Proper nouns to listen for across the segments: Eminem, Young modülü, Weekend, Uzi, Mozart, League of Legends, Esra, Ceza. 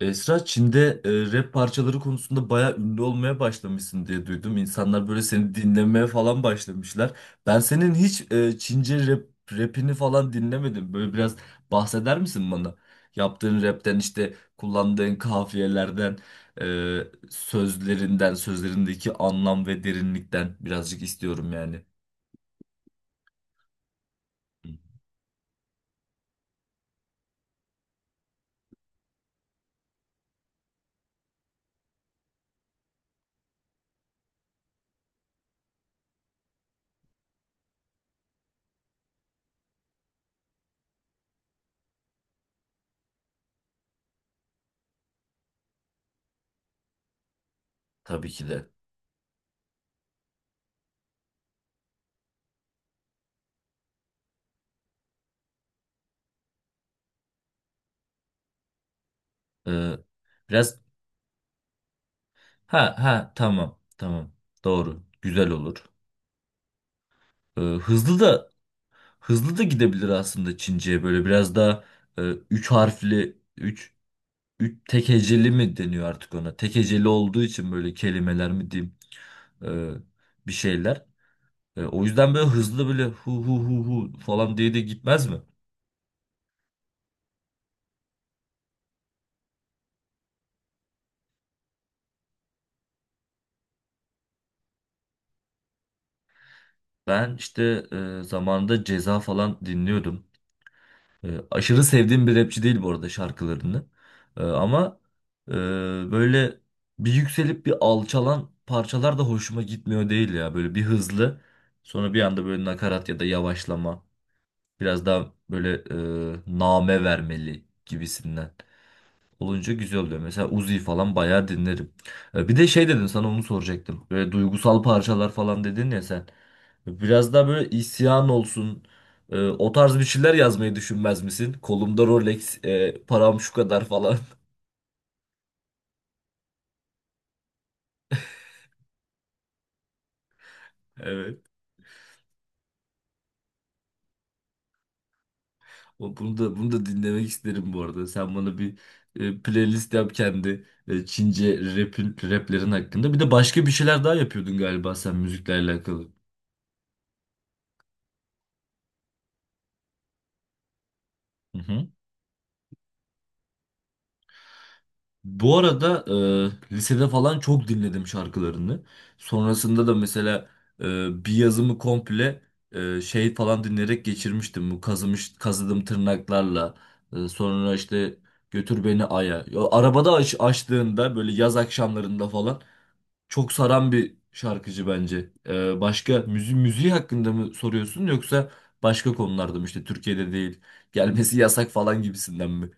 Esra Çin'de rap parçaları konusunda bayağı ünlü olmaya başlamışsın diye duydum. İnsanlar böyle seni dinlemeye falan başlamışlar. Ben senin hiç Çince rapini falan dinlemedim. Böyle biraz bahseder misin bana? Yaptığın rapten işte kullandığın kafiyelerden, sözlerinden, sözlerindeki anlam ve derinlikten birazcık istiyorum yani. Hı. Tabii ki de. E, biraz. Ha ha, tamam tamam, doğru güzel olur. Ee, Hızlı da Hızlı da gidebilir aslında Çince'ye böyle biraz daha e, üç harfli üç, üç tek heceli mi deniyor artık ona? Tek heceli olduğu için böyle kelimeler mi diyeyim bir şeyler. O yüzden böyle hızlı böyle hu hu hu hu falan diye de gitmez mi? Ben işte zamanında Ceza falan dinliyordum. Aşırı sevdiğim bir rapçi değil bu arada şarkılarını. Ama e, böyle bir yükselip bir alçalan parçalar da hoşuma gitmiyor değil ya. Böyle bir hızlı, sonra bir anda böyle nakarat ya da yavaşlama. Biraz daha böyle name vermeli gibisinden olunca güzel oluyor. Mesela Uzi falan bayağı dinlerim. Bir de şey dedin, sana onu soracaktım. Böyle duygusal parçalar falan dedin ya sen. Biraz daha böyle isyan olsun. O tarz bir şeyler yazmayı düşünmez misin? Kolumda Rolex, param şu kadar falan. Evet. Bunu da bunu da dinlemek isterim bu arada. Sen bana bir playlist yap kendi Çince raplerin hakkında. Bir de başka bir şeyler daha yapıyordun galiba sen müzikle alakalı. Hı hı. Bu arada Lisede falan çok dinledim şarkılarını. Sonrasında da mesela bir yazımı komple şey falan dinleyerek geçirmiştim. Bu kazıdım tırnaklarla. Sonra işte götür beni aya. Ya, arabada açtığında böyle yaz akşamlarında falan çok saran bir şarkıcı bence. Başka müziği hakkında mı soruyorsun, yoksa başka konularda mı işte, Türkiye'de değil, gelmesi yasak falan gibisinden mi?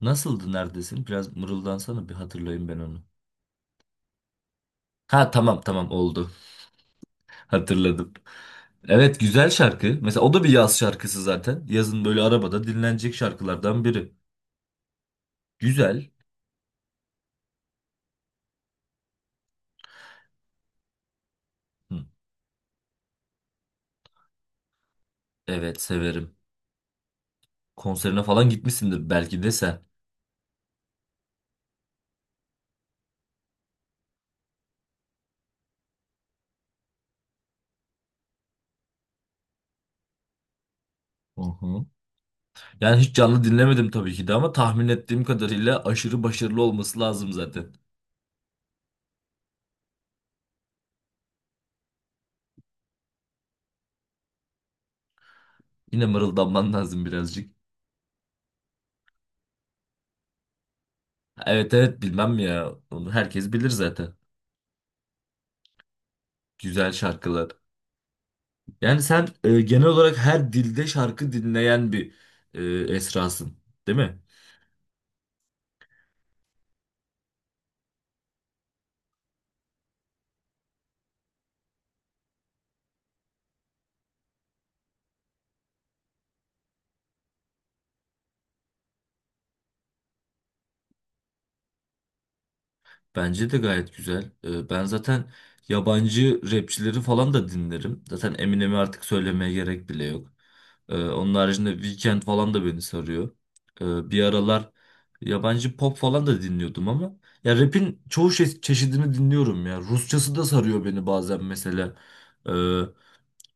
Nasıldı neredesin? Biraz mırıldansana, bir hatırlayayım ben onu. Ha, tamam tamam, oldu. Hatırladım. Evet, güzel şarkı. Mesela o da bir yaz şarkısı zaten. Yazın böyle arabada dinlenecek şarkılardan biri. Güzel. Hı. Evet, severim. Konserine falan gitmişsindir belki de sen. Hı hı. Yani hiç canlı dinlemedim tabii ki de, ama tahmin ettiğim kadarıyla aşırı başarılı olması lazım zaten. Yine mırıldanman lazım birazcık. Evet evet, bilmem ya. Onu herkes bilir zaten. Güzel şarkılar. Yani sen genel olarak her dilde şarkı dinleyen bir e, Esra'sın, değil mi? Bence de gayet güzel. Ben zaten yabancı rapçileri falan da dinlerim. Zaten Eminem'i artık söylemeye gerek bile yok. Onun haricinde Weekend falan da beni sarıyor. Bir aralar yabancı pop falan da dinliyordum, ama ya rap'in çoğu çeşidini dinliyorum ya. Rusçası da sarıyor beni bazen mesela. E,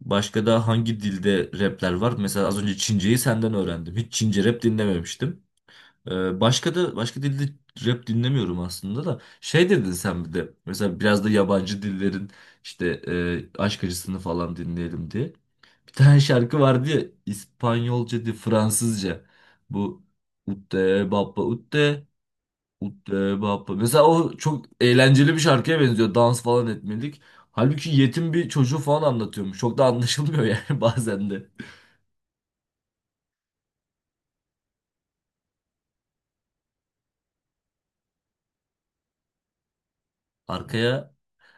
Başka da hangi dilde rapler var? Mesela az önce Çince'yi senden öğrendim. Hiç Çince rap dinlememiştim. Başka dilde rap dinlemiyorum aslında da. Şey dedin sen bir de. Mesela biraz da yabancı dillerin işte aşk acısını falan dinleyelim diye. Bir tane şarkı vardı ya, İspanyolca değil, Fransızca. Bu Utte Baba Utte Utte Bappa. Mesela o çok eğlenceli bir şarkıya benziyor. Dans falan etmelik. Halbuki yetim bir çocuğu falan anlatıyormuş. Çok da anlaşılmıyor yani bazen de. Arkaya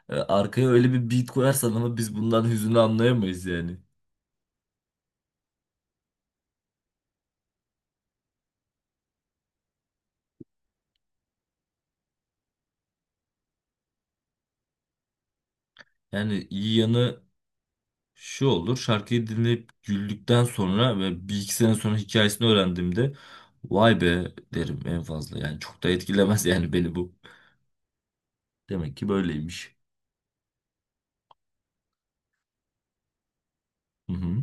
arkaya öyle bir beat koyarsan ama biz bundan hüzünü anlayamayız yani. Yani iyi yanı şu olur. Şarkıyı dinleyip güldükten sonra ve bir iki sene sonra hikayesini öğrendiğimde vay be derim en fazla. Yani çok da etkilemez yani beni bu. Demek ki böyleymiş. Hı hı.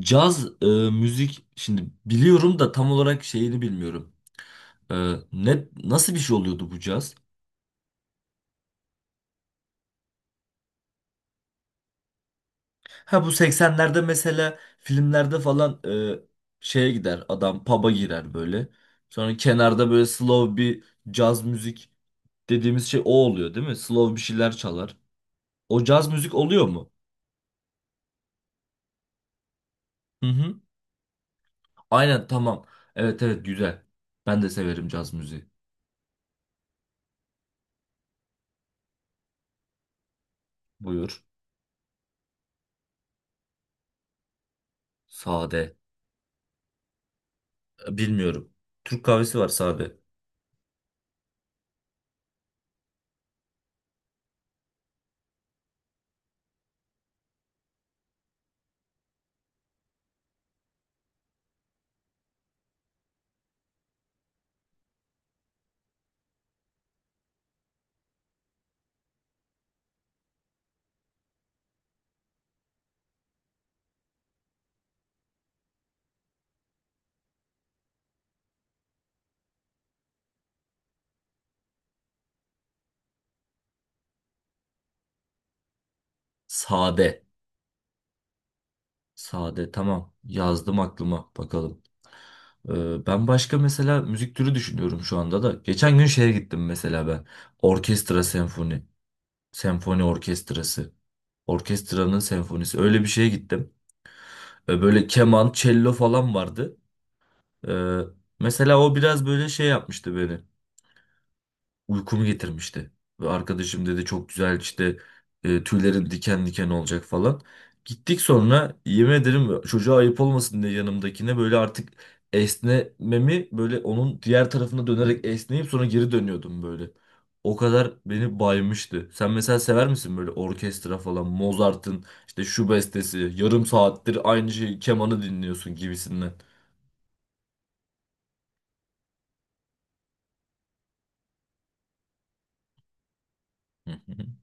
Caz müzik şimdi biliyorum da tam olarak şeyini bilmiyorum. E, ne nasıl bir şey oluyordu bu caz? Ha, bu 80'lerde mesela filmlerde falan şeye gider, adam pub'a girer böyle. Sonra kenarda böyle slow bir caz müzik dediğimiz şey o oluyor değil mi? Slow bir şeyler çalar. O caz müzik oluyor mu? Hı hı. Aynen, tamam. Evet evet, güzel. Ben de severim caz müziği. Buyur. Sade. Bilmiyorum. Türk kahvesi var, sade. Sade. Sade, tamam, yazdım aklıma, bakalım. Ben başka mesela müzik türü düşünüyorum şu anda da. Geçen gün şeye gittim mesela ben. Orkestra senfoni. Senfoni orkestrası. Orkestranın senfonisi. Öyle bir şeye gittim. Böyle keman, cello falan vardı. Ee, mesela o biraz böyle şey yapmıştı beni, uykumu getirmişti. Ve arkadaşım dedi çok güzel işte tüylerin diken diken olacak falan. Gittik, sonra yemin ederim çocuğa ayıp olmasın diye yanımdakine böyle artık esnememi, böyle onun diğer tarafına dönerek esneyip sonra geri dönüyordum böyle. O kadar beni baymıştı. Sen mesela sever misin böyle orkestra falan, Mozart'ın işte şu bestesi, yarım saattir aynı şey kemanı dinliyorsun gibisinden? Hı hı.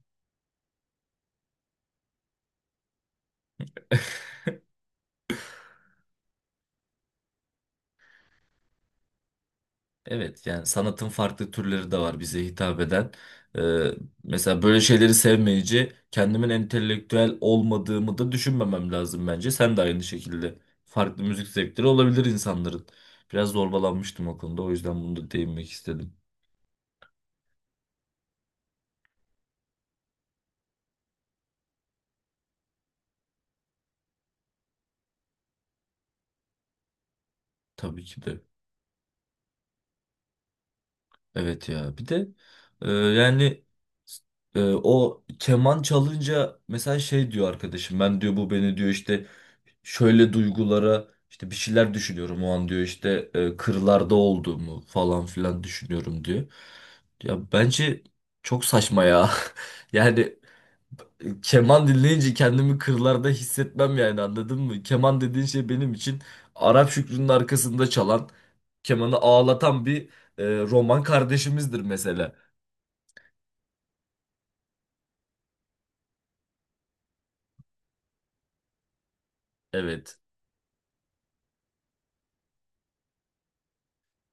Evet, yani sanatın farklı türleri de var bize hitap eden. Ee, mesela böyle şeyleri sevmeyici kendimin entelektüel olmadığımı da düşünmemem lazım bence. Sen de aynı şekilde, farklı müzik zevkleri olabilir insanların. Biraz zorbalanmıştım o konuda, o yüzden bunu da değinmek istedim. Tabii ki de. Evet ya, bir de yani o keman çalınca mesela şey diyor arkadaşım, ben diyor bu beni diyor işte şöyle duygulara, işte bir şeyler düşünüyorum o an diyor, işte kırlarda olduğumu falan filan düşünüyorum diyor. Ya bence çok saçma ya. Yani keman dinleyince kendimi kırlarda hissetmem yani, anladın mı? Keman dediğin şey benim için Arap Şükrü'nün arkasında çalan, kemanı ağlatan bir roman kardeşimizdir mesela. Evet.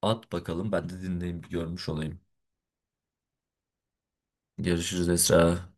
At bakalım, ben de dinleyip görmüş olayım. Görüşürüz Esra.